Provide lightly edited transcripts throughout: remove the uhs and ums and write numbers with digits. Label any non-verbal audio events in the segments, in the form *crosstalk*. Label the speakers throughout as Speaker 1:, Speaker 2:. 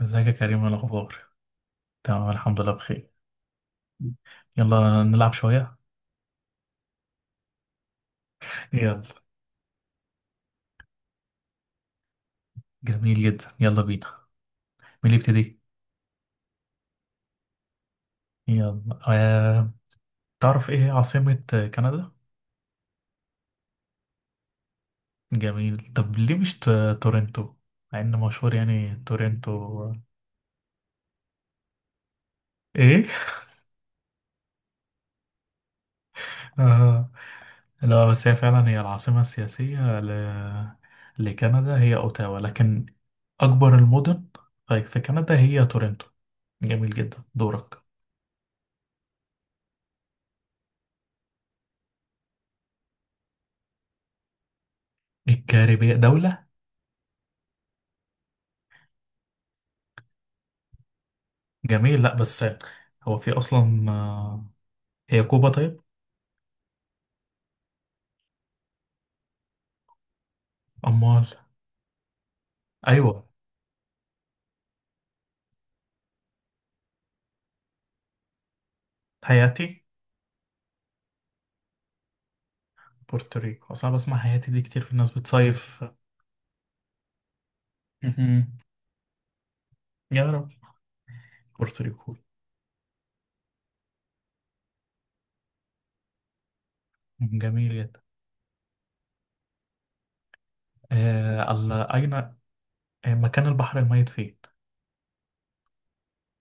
Speaker 1: ازيك يا كريم، ايه الاخبار؟ تمام، الحمد لله بخير. يلا نلعب شويه. يلا، جميل جدا، يلا بينا. مين اللي يبتدي؟ يلا. تعرف ايه هي عاصمه كندا؟ جميل. طب ليه مش ت... تورنتو، مع ان مشهور يعني تورنتو. ايه؟ آه... لا، بس هي فعلا هي العاصمه السياسيه لكندا هي اوتاوا، لكن اكبر المدن في كندا هي تورنتو. جميل جدا، دورك. الكاريبية دولة. جميل، لا بس هو في اصلا هي كوبا؟ طيب. امال. ايوه. هايتي. بورتوريكو، اصل انا بسمع هايتي دي كتير، في الناس بتصيف. مهم. يا رب. بورتوريكو، جميل جدا. الله اين مكان البحر الميت فين؟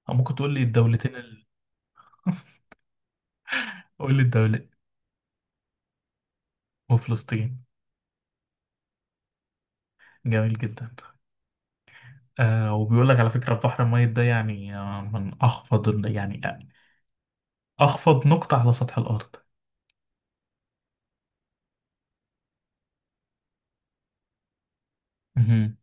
Speaker 1: أو ممكن تقول لي الدولتين؟ *laughs* قول لي الدولة. وفلسطين. جميل جدا. آه، وبيقول لك على فكرة البحر الميت ده يعني، يعني اخفض نقطة على سطح الارض. مهم.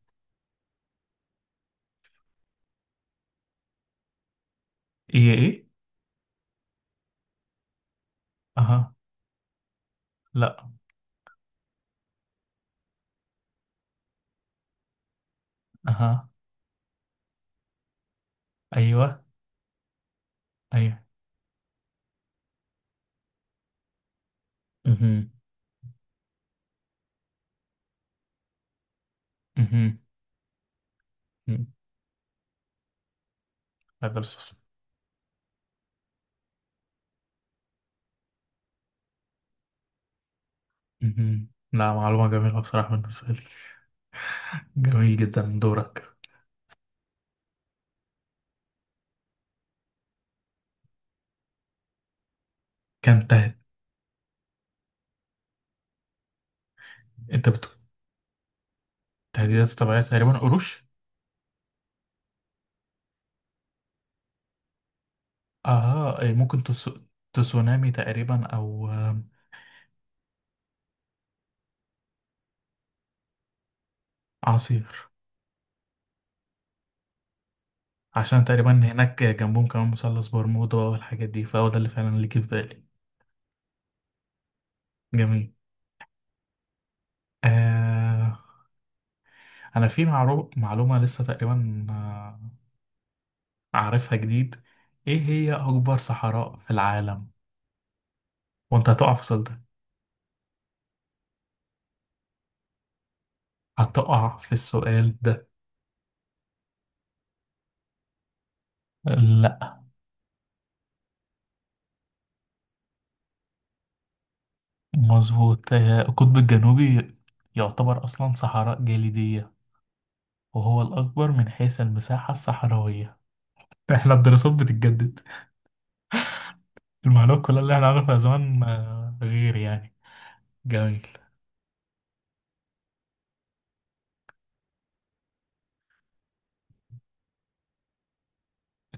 Speaker 1: ايه، ايه. اها. لا. اها. ايوه. ايوه. اها. اها. هذا الصوص. اها. لا، معلومة جميلة بصراحة بالنسبة لي. *laughs* جميل جدا، من دورك. كان تهد انت بتقول تهديدات طبيعية؟ تقريبا قروش. اه إيه، تسونامي تقريبا، او اعاصير، عشان تقريبا هناك جنبهم كمان مثلث برمودا والحاجات دي، فهو ده اللي فعلا اللي جه في بالي. جميل. آه... انا في معلومة لسه تقريبا أعرفها جديد. إيه هي أكبر صحراء في العالم؟ وأنت هتقع في السؤال ده، هتقع في السؤال ده. لأ، مظبوط. القطب الجنوبي يعتبر أصلا صحراء جليدية، وهو الأكبر من حيث المساحة الصحراوية. *laughs* إحنا الدراسات بتتجدد، المعلومات كلها اللي إحنا عارفها زمان غير يعني. جميل.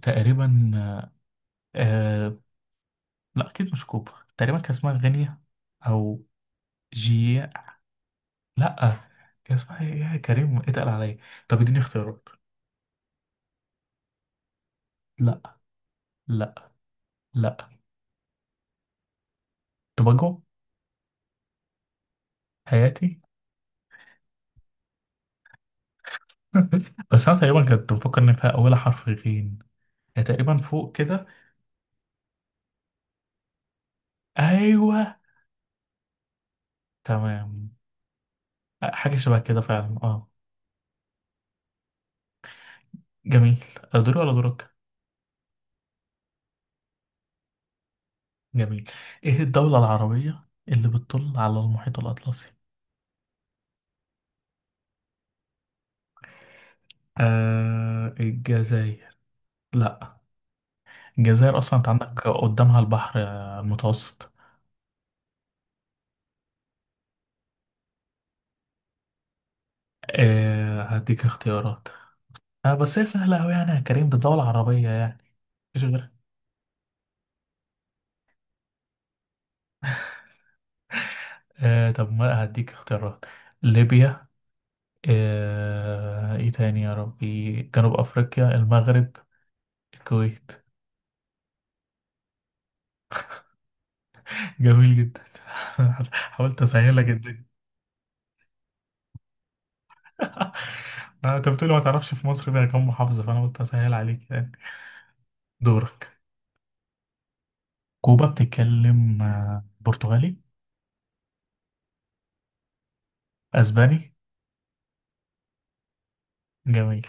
Speaker 1: تقريبا آه. آه، لأ، أكيد مش كوبا. تقريبا كان اسمها غينيا، أو جي. لا. كان اسمها ايه يا كريم؟ اتقل عليا، طب اديني اختيارات. لا. لا. لا. توباجو. حياتي. *laughs* بس انا تقريبا كنت بفكر ان فيها اولها حرف غين، هي تقريبا فوق كده. ايوه. تمام. حاجه شبه كده فعلا، اه. جميل. دوري ولا دورك؟ جميل. ايه الدوله العربيه اللي بتطل على المحيط الاطلسي؟ آه، الجزائر؟ لا، الجزائر اصلا انت عندك قدامها البحر المتوسط. آه، هديك اختيارات، آه بس هي سهلة أوي يعني يا كريم، ده دولة عربية يعني، مفيش غيرها. آه، طب ما هديك اختيارات: ليبيا، آه إيه تاني يا ربي، جنوب أفريقيا، المغرب، الكويت. *laughs* جميل جدا، *laughs* حاولت أسهل لك الدنيا. *laughs* ما أنت بتقولي ما تعرفش في مصر فيها كام محافظة، فأنا قلت أسهل عليك يعني. دورك. كوبا بتتكلم برتغالي؟ أسباني. جميل.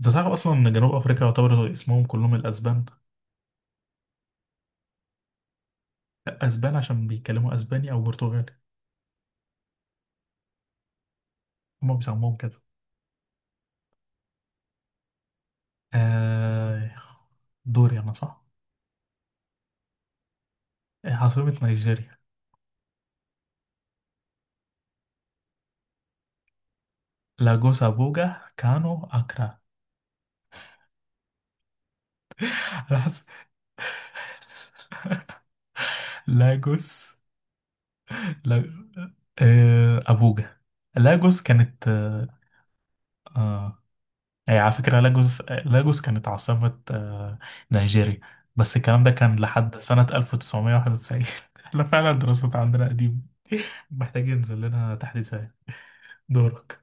Speaker 1: أنت تعرف أصلا إن جنوب أفريقيا يعتبر اسمهم كلهم الأسبان؟ أسبان عشان بيتكلموا أسباني أو برتغالي، هما بيسموه كده. آه، دوري أنا، صح؟ عاصمة نيجيريا؟ لاجوس، أبوجا، كانو، أكرا. أنا حاسس لاجوس. لا... آه، أبوجا. لاجوس كانت آه، آه، هي على فكرة لاجوس، كانت عاصمة آه نيجيريا، بس الكلام ده كان لحد سنة 1991. *laughs* احنا فعلا دراستنا عندنا قديمة. *laughs* محتاجين ينزل لنا تحديثات. دورك.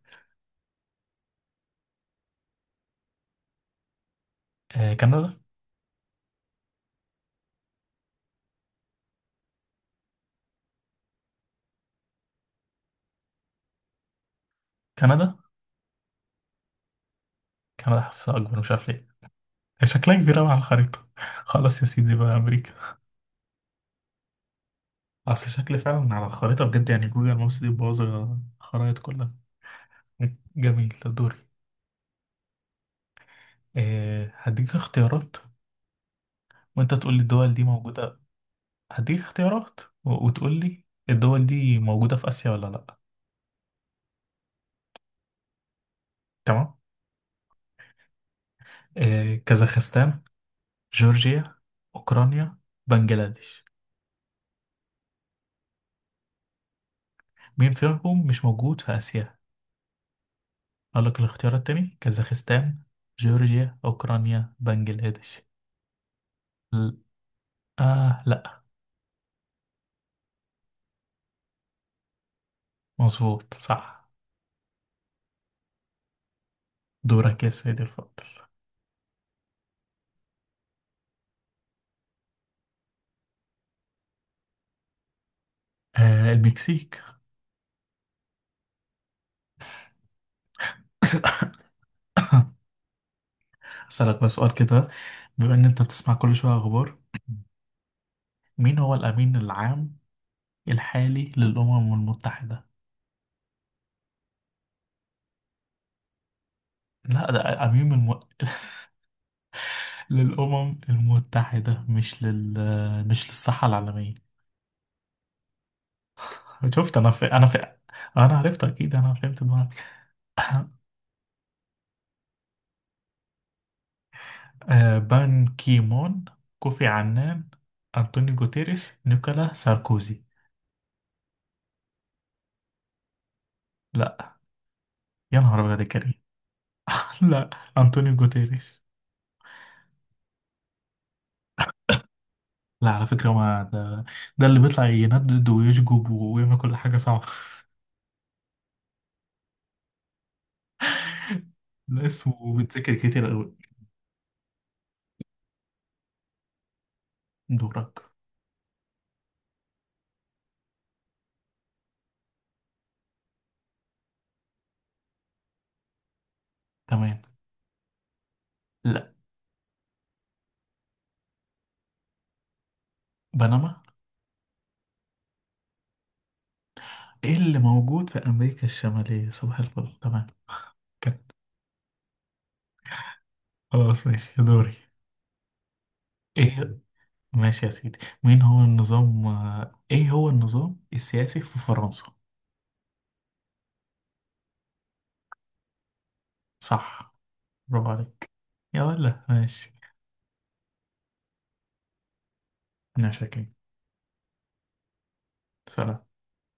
Speaker 1: آه كندا. كندا، كندا حاسسها أكبر، مش عارف ليه، شكلها كبير أوي على الخريطة. خلاص يا سيدي بقى أمريكا. أصل شكل فعلا على الخريطة بجد يعني، جوجل مابس دي باظة، الخرايط كلها. جميل، ده دوري. أه هديك اختيارات، وأنت تقول لي الدول دي موجودة. وتقول لي الدول دي موجودة في آسيا ولا لأ. تمام. أه، كازاخستان، جورجيا، أوكرانيا، بنجلاديش. مين فيهم مش موجود في آسيا؟ أقول لك الاختيارات تاني: كازاخستان، جورجيا، أوكرانيا، بنجلاديش. ل- آه لا، مظبوط، صح. دورك يا سيدي الفاضل. آه، المكسيك. *laughs* أسألك بقى سؤال كده، بما إن أنت بتسمع كل شوية أخبار، مين هو الأمين العام الحالي للأمم المتحدة؟ لا، *laughs* للأمم المتحدة، مش لل، مش للصحة العالمية. شفت أنا في... أنا في... أنا عرفت أكيد، أنا فهمت دماغك. آه، بان كيمون، كوفي عنان، أنطونيو جوتيريش، نيكولا ساركوزي. لا. يا نهار أبيض يا كريم. لا. أنطونيو جوتيريش. لا على فكرة، ما ده, ده اللي بيطلع يندد ويشجب ويعمل كل حاجة صعبة. *laughs* لا، اسمه بيتذكر كتير أوي. دورك. تمام. لا. بنما. ايه اللي موجود في أمريكا الشمالية؟ صباح الفل، تمام. كت. خلاص، ماشي، دوري. ايه؟ ماشي يا سيدي. مين هو النظام ايه هو النظام السياسي في فرنسا؟ صح، برافو عليك يا ولا. ماشي. انا شاكين. سلام.